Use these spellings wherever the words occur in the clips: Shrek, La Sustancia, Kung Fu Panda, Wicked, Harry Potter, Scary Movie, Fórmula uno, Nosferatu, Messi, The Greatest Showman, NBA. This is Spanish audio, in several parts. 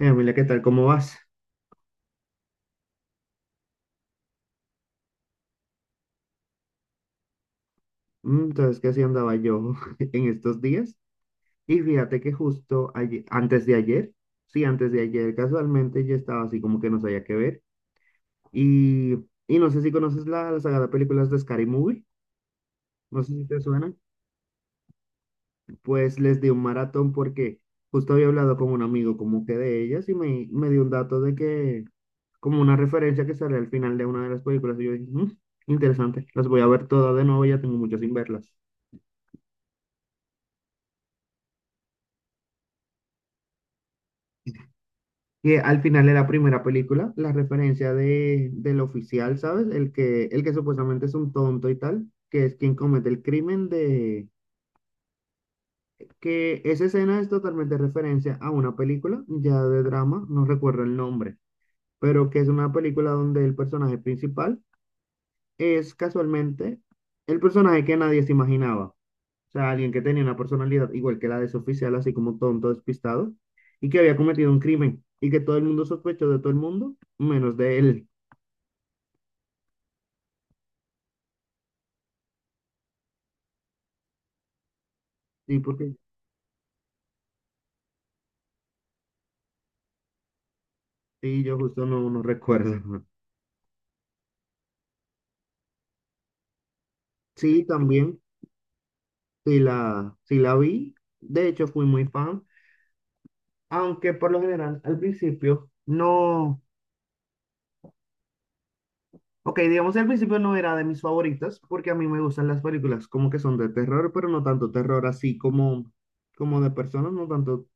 Emilia, ¿qué tal? ¿Cómo vas? Entonces, que así andaba yo en estos días. Y fíjate que justo antes de ayer, sí, antes de ayer, casualmente yo estaba así como que no sabía qué ver. Y, y no sé si conoces la saga de películas de Scary Movie, no sé si te suenan. Pues les di un maratón porque justo había hablado con un amigo como que de ellas y me dio un dato de que, como una referencia que sale al final de una de las películas. Y yo dije, "Mm, interesante, las voy a ver todas de nuevo, ya tengo muchas sin verlas". Que al final de la primera película, la referencia de, del oficial, ¿sabes? El que supuestamente es un tonto y tal, que es quien comete el crimen de... Que esa escena es totalmente referencia a una película, ya de drama, no recuerdo el nombre, pero que es una película donde el personaje principal es casualmente el personaje que nadie se imaginaba. O sea, alguien que tenía una personalidad igual que la de su oficial, así como tonto, despistado, y que había cometido un crimen, y que todo el mundo sospechó de todo el mundo, menos de él. Sí, porque sí, yo justo no recuerdo. Sí, también, sí la vi. De hecho, fui muy fan, aunque por lo general al principio no. Ok, digamos que al principio no era de mis favoritas porque a mí me gustan las películas como que son de terror, pero no tanto terror así como, como de personas, no tanto,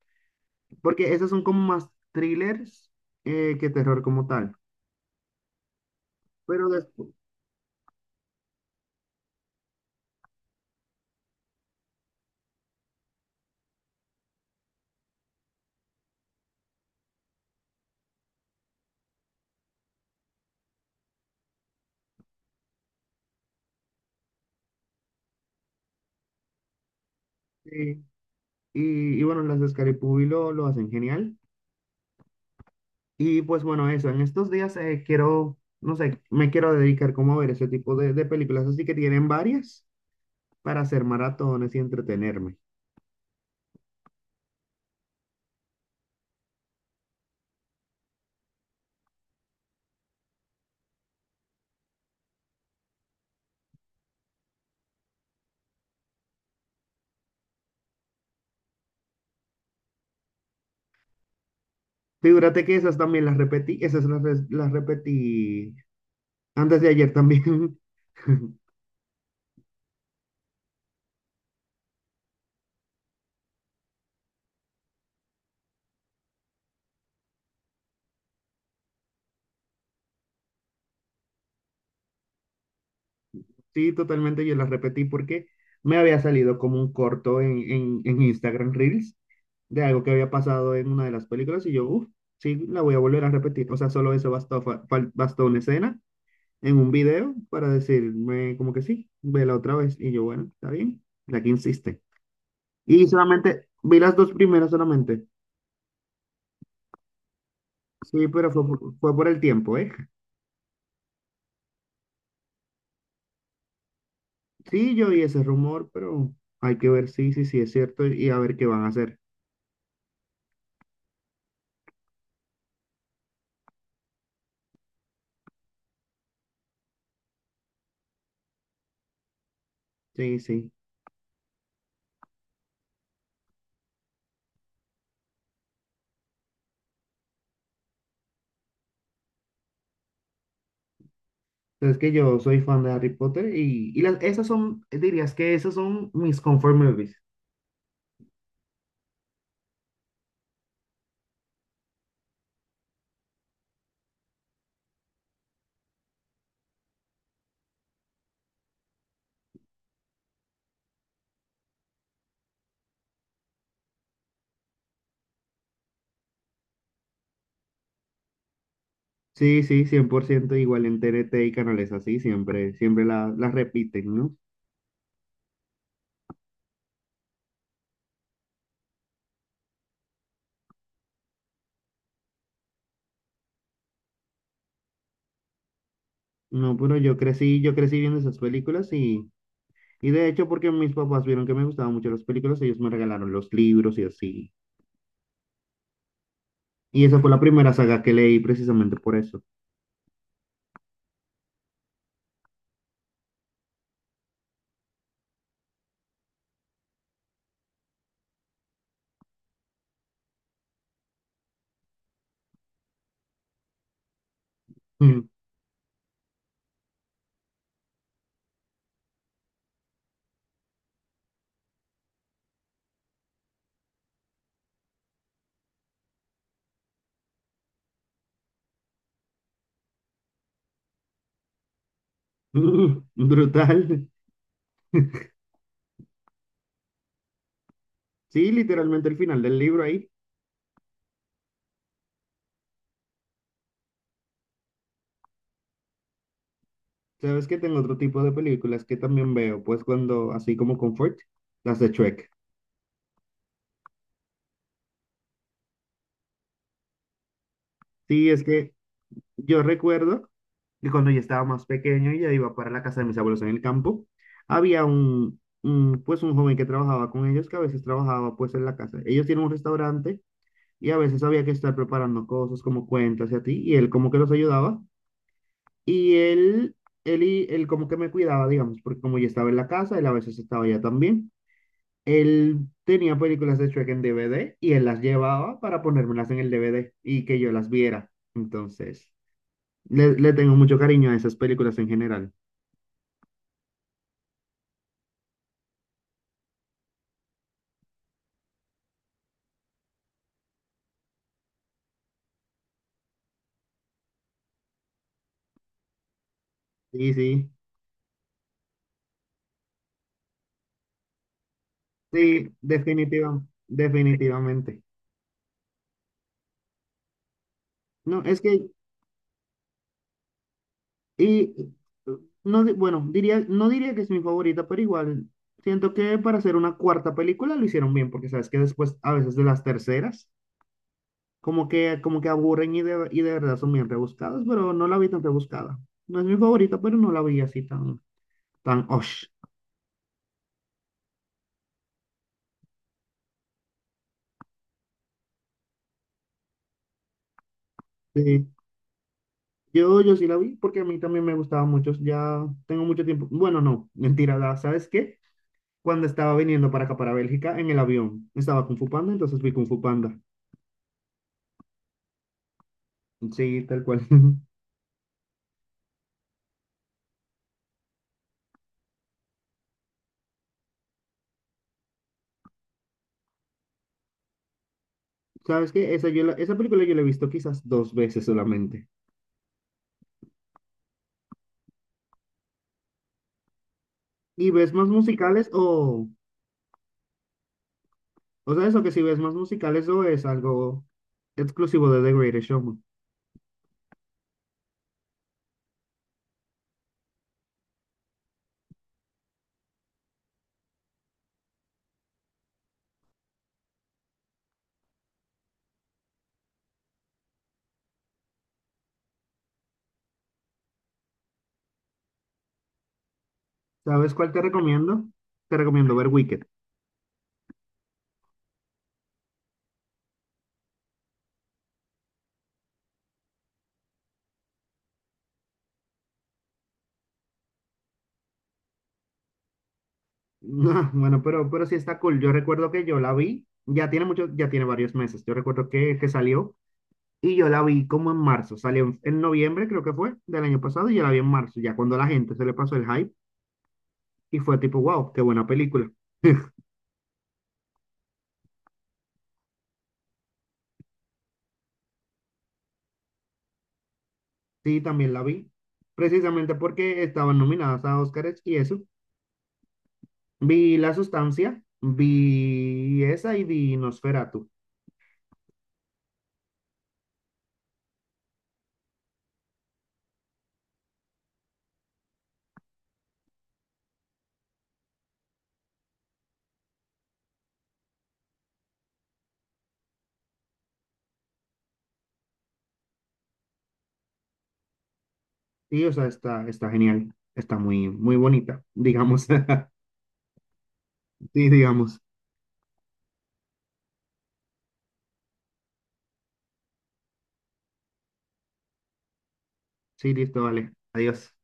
porque esas son como más thrillers que terror como tal. Pero después, eh, y bueno, las de Scary lo hacen genial. Y pues bueno, eso, en estos días quiero, no sé, me quiero dedicar como a ver ese tipo de películas, así que tienen varias para hacer maratones y entretenerme. Figúrate que esas también las repetí, esas las repetí antes de ayer también. Sí, totalmente yo la repetí porque me había salido como un corto en Instagram Reels de algo que había pasado en una de las películas y yo, uff, sí, la voy a volver a repetir. O sea, solo eso bastó, bastó una escena en un video para decirme como que sí, vela otra vez. Y yo, bueno, está bien, la que insiste. Y solamente, vi las dos primeras solamente. Sí, pero fue por, fue por el tiempo, ¿eh? Sí, yo oí ese rumor, pero hay que ver si es cierto y a ver qué van a hacer. Sí, sí. Es que yo soy fan de Harry Potter y las, esas son, dirías que esas son mis comfort movies. Sí, sí, 100% igual en TNT y canales así, siempre, las repiten, ¿no? No, pero yo crecí viendo esas películas y de hecho porque mis papás vieron que me gustaban mucho las películas, ellos me regalaron los libros y así. Y esa fue la primera saga que leí precisamente por eso. Brutal. Sí, literalmente el final del libro ahí. Sabes que tengo otro tipo de películas que también veo, pues cuando, así como comfort, las de Shrek. Sí, es que yo recuerdo que cuando yo estaba más pequeño y ya iba para la casa de mis abuelos en el campo, había un, pues un joven que trabajaba con ellos, que a veces trabajaba pues en la casa. Ellos tienen un restaurante y a veces había que estar preparando cosas como cuentas y a ti, y él como que los ayudaba. Y él, y él como que me cuidaba, digamos, porque como yo estaba en la casa, él a veces estaba allá también. Él tenía películas de Shrek en DVD y él las llevaba para ponérmelas en el DVD y que yo las viera. Entonces, le tengo mucho cariño a esas películas en general. Sí, sí, sí, definitiva, definitivamente. No, es que, y, no, bueno, diría, no diría que es mi favorita, pero igual, siento que para hacer una cuarta película lo hicieron bien, porque sabes que después, a veces de las terceras, como que, como que aburren y de verdad son bien rebuscadas, pero no la vi tan rebuscada. No es mi favorita, pero no la vi así tan, tan osh. Sí. Yo sí la vi porque a mí también me gustaba mucho. Ya tengo mucho tiempo. Bueno, no, mentira, ¿sabes qué? Cuando estaba viniendo para acá, para Bélgica, en el avión, estaba Kung Fu Panda, entonces vi Kung Fu Panda. Sí, tal cual. ¿Sabes qué? Esa, esa película yo la he visto quizás 2 veces solamente. ¿Y ves más musicales o sea, eso que si ves más musical, eso es algo exclusivo de The Greatest Showman. ¿Sabes cuál te recomiendo? Te recomiendo ver Wicked. Bueno, pero sí está cool. Yo recuerdo que yo la vi, ya tiene mucho, ya tiene varios meses. Yo recuerdo que salió y yo la vi como en marzo. Salió en noviembre, creo que fue, del año pasado y yo la vi en marzo, ya cuando a la gente se le pasó el hype y fue tipo, wow, qué buena película. Sí, también la vi, precisamente porque estaban nominadas a Oscars y eso. Vi La Sustancia, vi esa y vi Nosferatu. Sí, o sea, está, está genial. Está muy, muy bonita, digamos. Sí, digamos. Sí, listo, vale. Adiós.